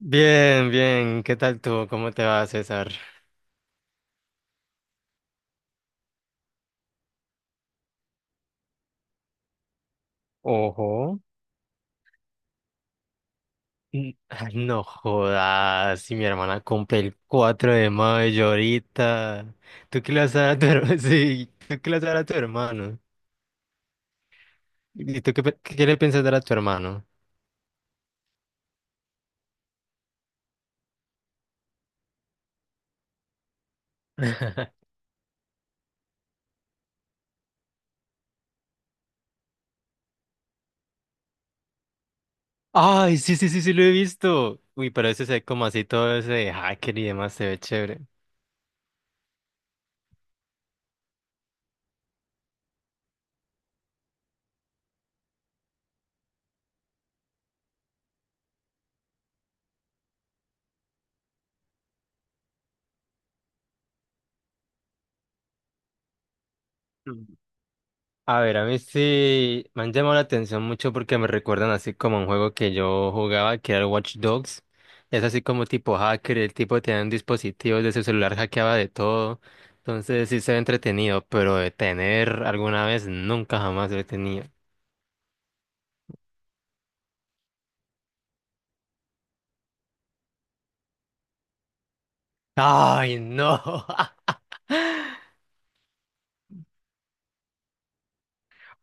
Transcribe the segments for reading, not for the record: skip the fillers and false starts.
Bien, bien. ¿Qué tal tú? ¿Cómo te va, César? Ojo. Ay, no jodas. Si mi hermana cumple el 4 de mayo ahorita. ¿Tú qué le vas a dar a tu hermano? Sí, ¿tú qué le vas a dar a tu hermano? ¿Y tú qué, qué le piensas dar a tu hermano? Ay, sí, sí, sí, sí, lo he visto. Uy, pero ese se ve como así todo ese de hacker y demás, se ve chévere. A ver, a mí sí me han llamado la atención mucho porque me recuerdan así como a un juego que yo jugaba, que era el Watch Dogs. Es así como tipo hacker, el tipo tenía un dispositivo de su celular, hackeaba de todo. Entonces sí se ve entretenido, pero de tener alguna vez nunca jamás lo he tenido. ¡Ay, no!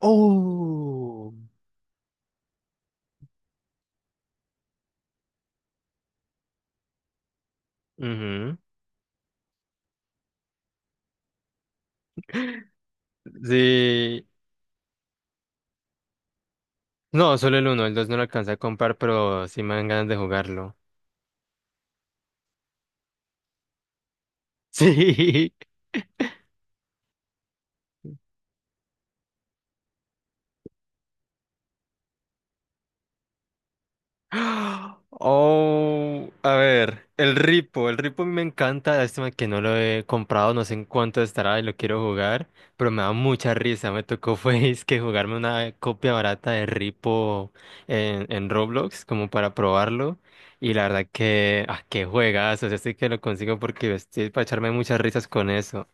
Oh. Ujú. Sí. No, solo el uno, el dos no lo alcancé a comprar, pero sí me dan ganas de jugarlo. Sí. ¡Ah! Oh, a ver, el Ripo me encanta, lástima que no lo he comprado, no sé en cuánto estará y lo quiero jugar, pero me da mucha risa, me tocó fue es que jugarme una copia barata de Ripo en Roblox como para probarlo y la verdad que, ah, qué juegas, o sea, sí que lo consigo porque estoy para echarme muchas risas con eso.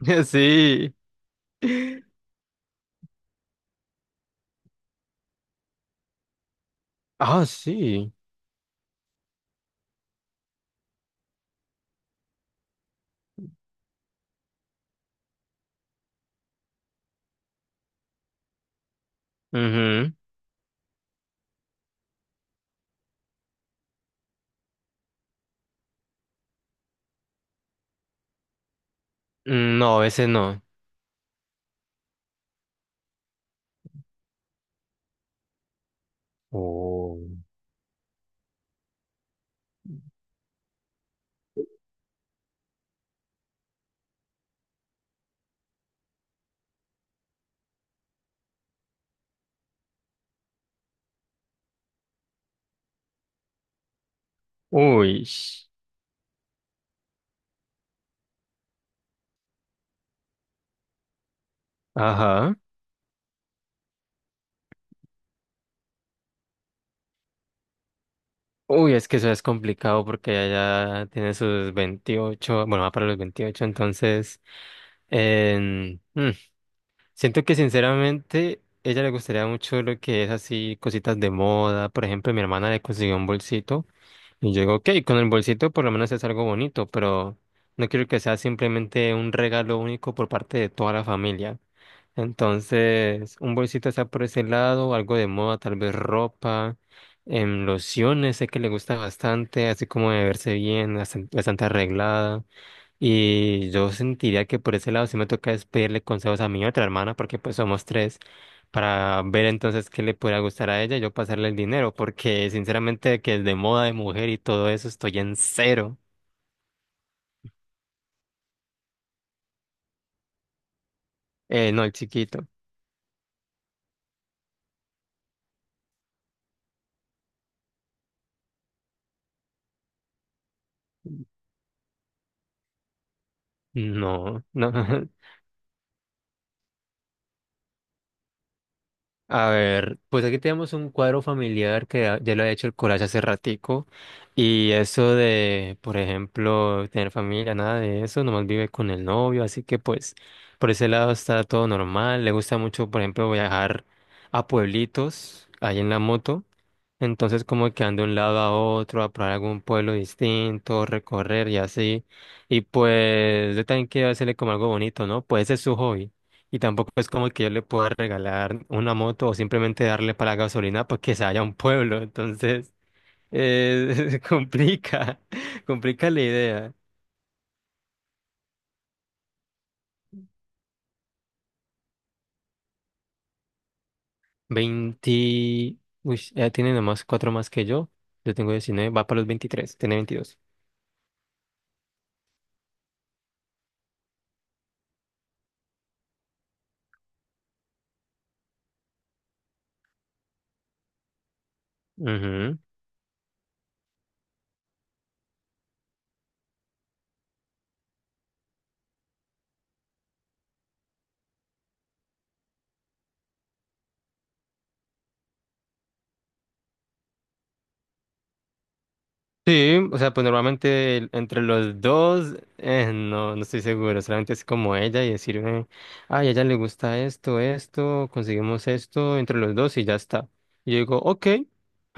Sí. Ah, sí. Ujú. Mm, no, ese no. Oh. Uy. Ajá. Uy, es que eso es complicado porque ella ya tiene sus 28, bueno, va para los 28 entonces em, mm, siento que sinceramente ella le gustaría mucho lo que es así, cositas de moda. Por ejemplo, mi hermana le consiguió un bolsito. Y yo digo, ok, con el bolsito por lo menos es algo bonito, pero no quiero que sea simplemente un regalo único por parte de toda la familia. Entonces, un bolsito está por ese lado, algo de moda, tal vez ropa, lociones, sé que le gusta bastante, así como de verse bien, bastante, arreglada. Y yo sentiría que por ese lado sí me toca es pedirle consejos a mi otra hermana, porque pues somos tres, para ver entonces qué le pudiera gustar a ella y yo pasarle el dinero, porque sinceramente que es de moda de mujer y todo eso estoy en cero. No, el chiquito. No, no. A ver, pues aquí tenemos un cuadro familiar que ya lo ha hecho el collage hace ratico, y eso de, por ejemplo, tener familia, nada de eso, nomás vive con el novio, así que pues por ese lado está todo normal, le gusta mucho, por ejemplo, viajar a pueblitos ahí en la moto, entonces como que anda de un lado a otro, a probar algún pueblo distinto, recorrer y así, y pues yo también quiero hacerle como algo bonito, ¿no? Pues ese es su hobby. Y tampoco es como que yo le pueda regalar una moto o simplemente darle para la gasolina porque se vaya a un pueblo. Entonces, complica, complica la idea. 20, uy, ella tiene nomás cuatro más que yo. Yo tengo 19, va para los 23, tiene 22. Ujú. Sí, o sea, pues normalmente entre los dos, no, no estoy seguro, solamente es como ella y decirme, ay, a ella le gusta esto, esto, conseguimos esto entre los dos y ya está. Y yo digo, ok, ahí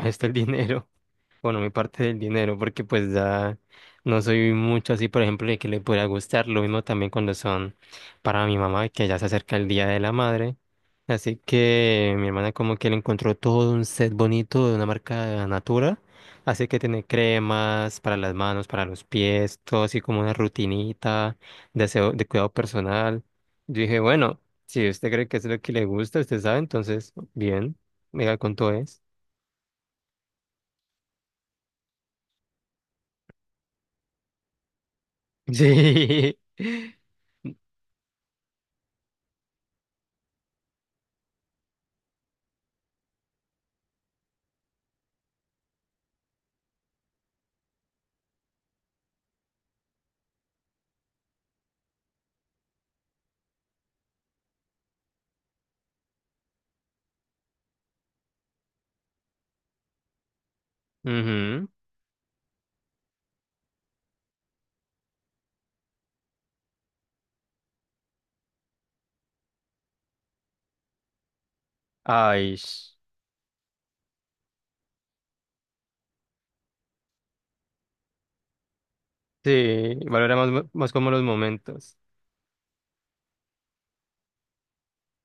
está el dinero, bueno, mi parte del dinero, porque pues ya no soy mucho así, por ejemplo, de que le pueda gustar. Lo mismo también cuando son para mi mamá, que ya se acerca el Día de la Madre. Así que mi hermana como que le encontró todo un set bonito de una marca Natura. Así que tiene cremas para las manos, para los pies, todo así como una rutinita de cuidado personal. Yo dije, bueno, si usted cree que es lo que le gusta, usted sabe, entonces, bien, mira cuánto es. Sí. Ujú. Ay, sí, valoramos más como los momentos.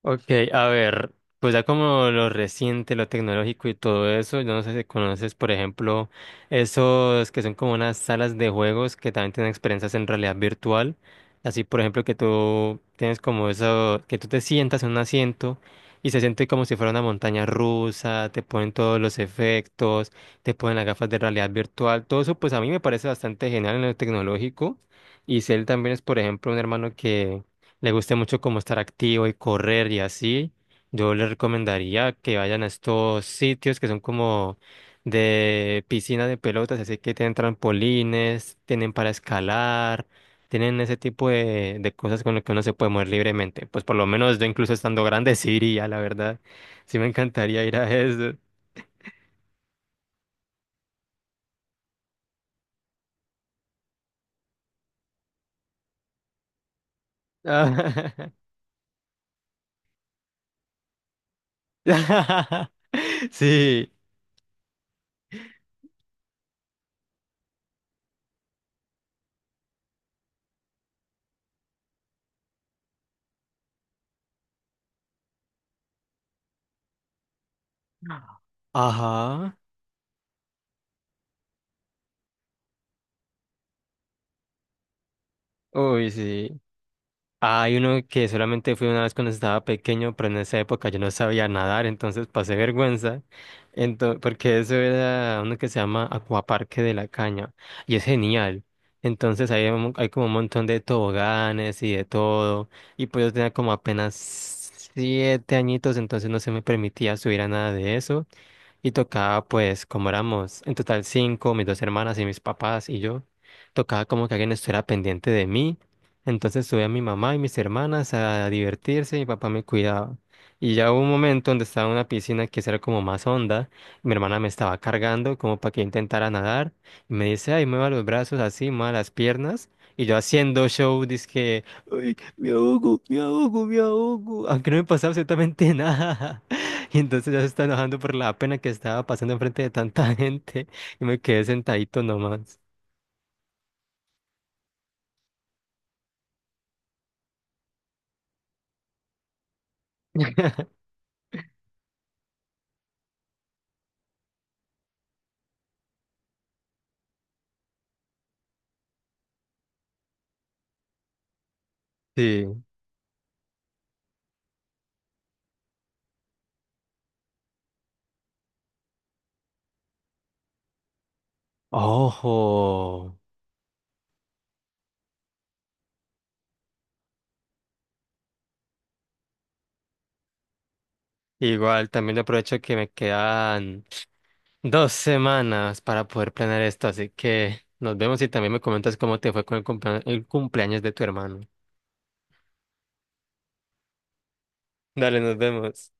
Ok, a ver, pues ya como lo reciente, lo tecnológico y todo eso, yo no sé si conoces, por ejemplo, esos que son como unas salas de juegos que también tienen experiencias en realidad virtual. Así, por ejemplo, que tú tienes como eso, que tú te sientas en un asiento y se siente como si fuera una montaña rusa, te ponen todos los efectos, te ponen las gafas de realidad virtual, todo eso, pues a mí me parece bastante genial en lo tecnológico. Y Cell también es, por ejemplo, un hermano que le guste mucho como estar activo y correr y así, yo le recomendaría que vayan a estos sitios que son como de piscina de pelotas, así que tienen trampolines, tienen para escalar, tienen ese tipo de cosas con las que uno se puede mover libremente. Pues por lo menos yo incluso estando grande sí iría, la verdad. Sí me encantaría ir a eso. Sí. Ajá. Uy, sí. Hay uno que solamente fui una vez cuando estaba pequeño, pero en esa época yo no sabía nadar, entonces pasé vergüenza, porque eso era uno que se llama Acuaparque de la Caña, y es genial. Entonces hay como un montón de toboganes y de todo, y pues yo tenía como apenas 7 añitos, entonces no se me permitía subir a nada de eso. Y tocaba, pues, como éramos en total cinco, mis dos hermanas y mis papás y yo, tocaba como que alguien estuviera pendiente de mí. Entonces subí a mi mamá y mis hermanas a divertirse, mi papá me cuidaba. Y ya hubo un momento donde estaba en una piscina que era como más honda, mi hermana me estaba cargando como para que yo intentara nadar, y me dice, ay, mueva los brazos así, mueva las piernas, y yo haciendo show, dizque, ay, me ahogo, me ahogo, me ahogo, aunque no me pasaba absolutamente nada. Y entonces ya se está enojando por la pena que estaba pasando enfrente de tanta gente, y me quedé sentadito nomás. Sí. Ojo. Igual también le aprovecho que me quedan 2 semanas para poder planear esto, así que nos vemos y también me comentas cómo te fue con el el cumpleaños de tu hermano. Dale, nos vemos.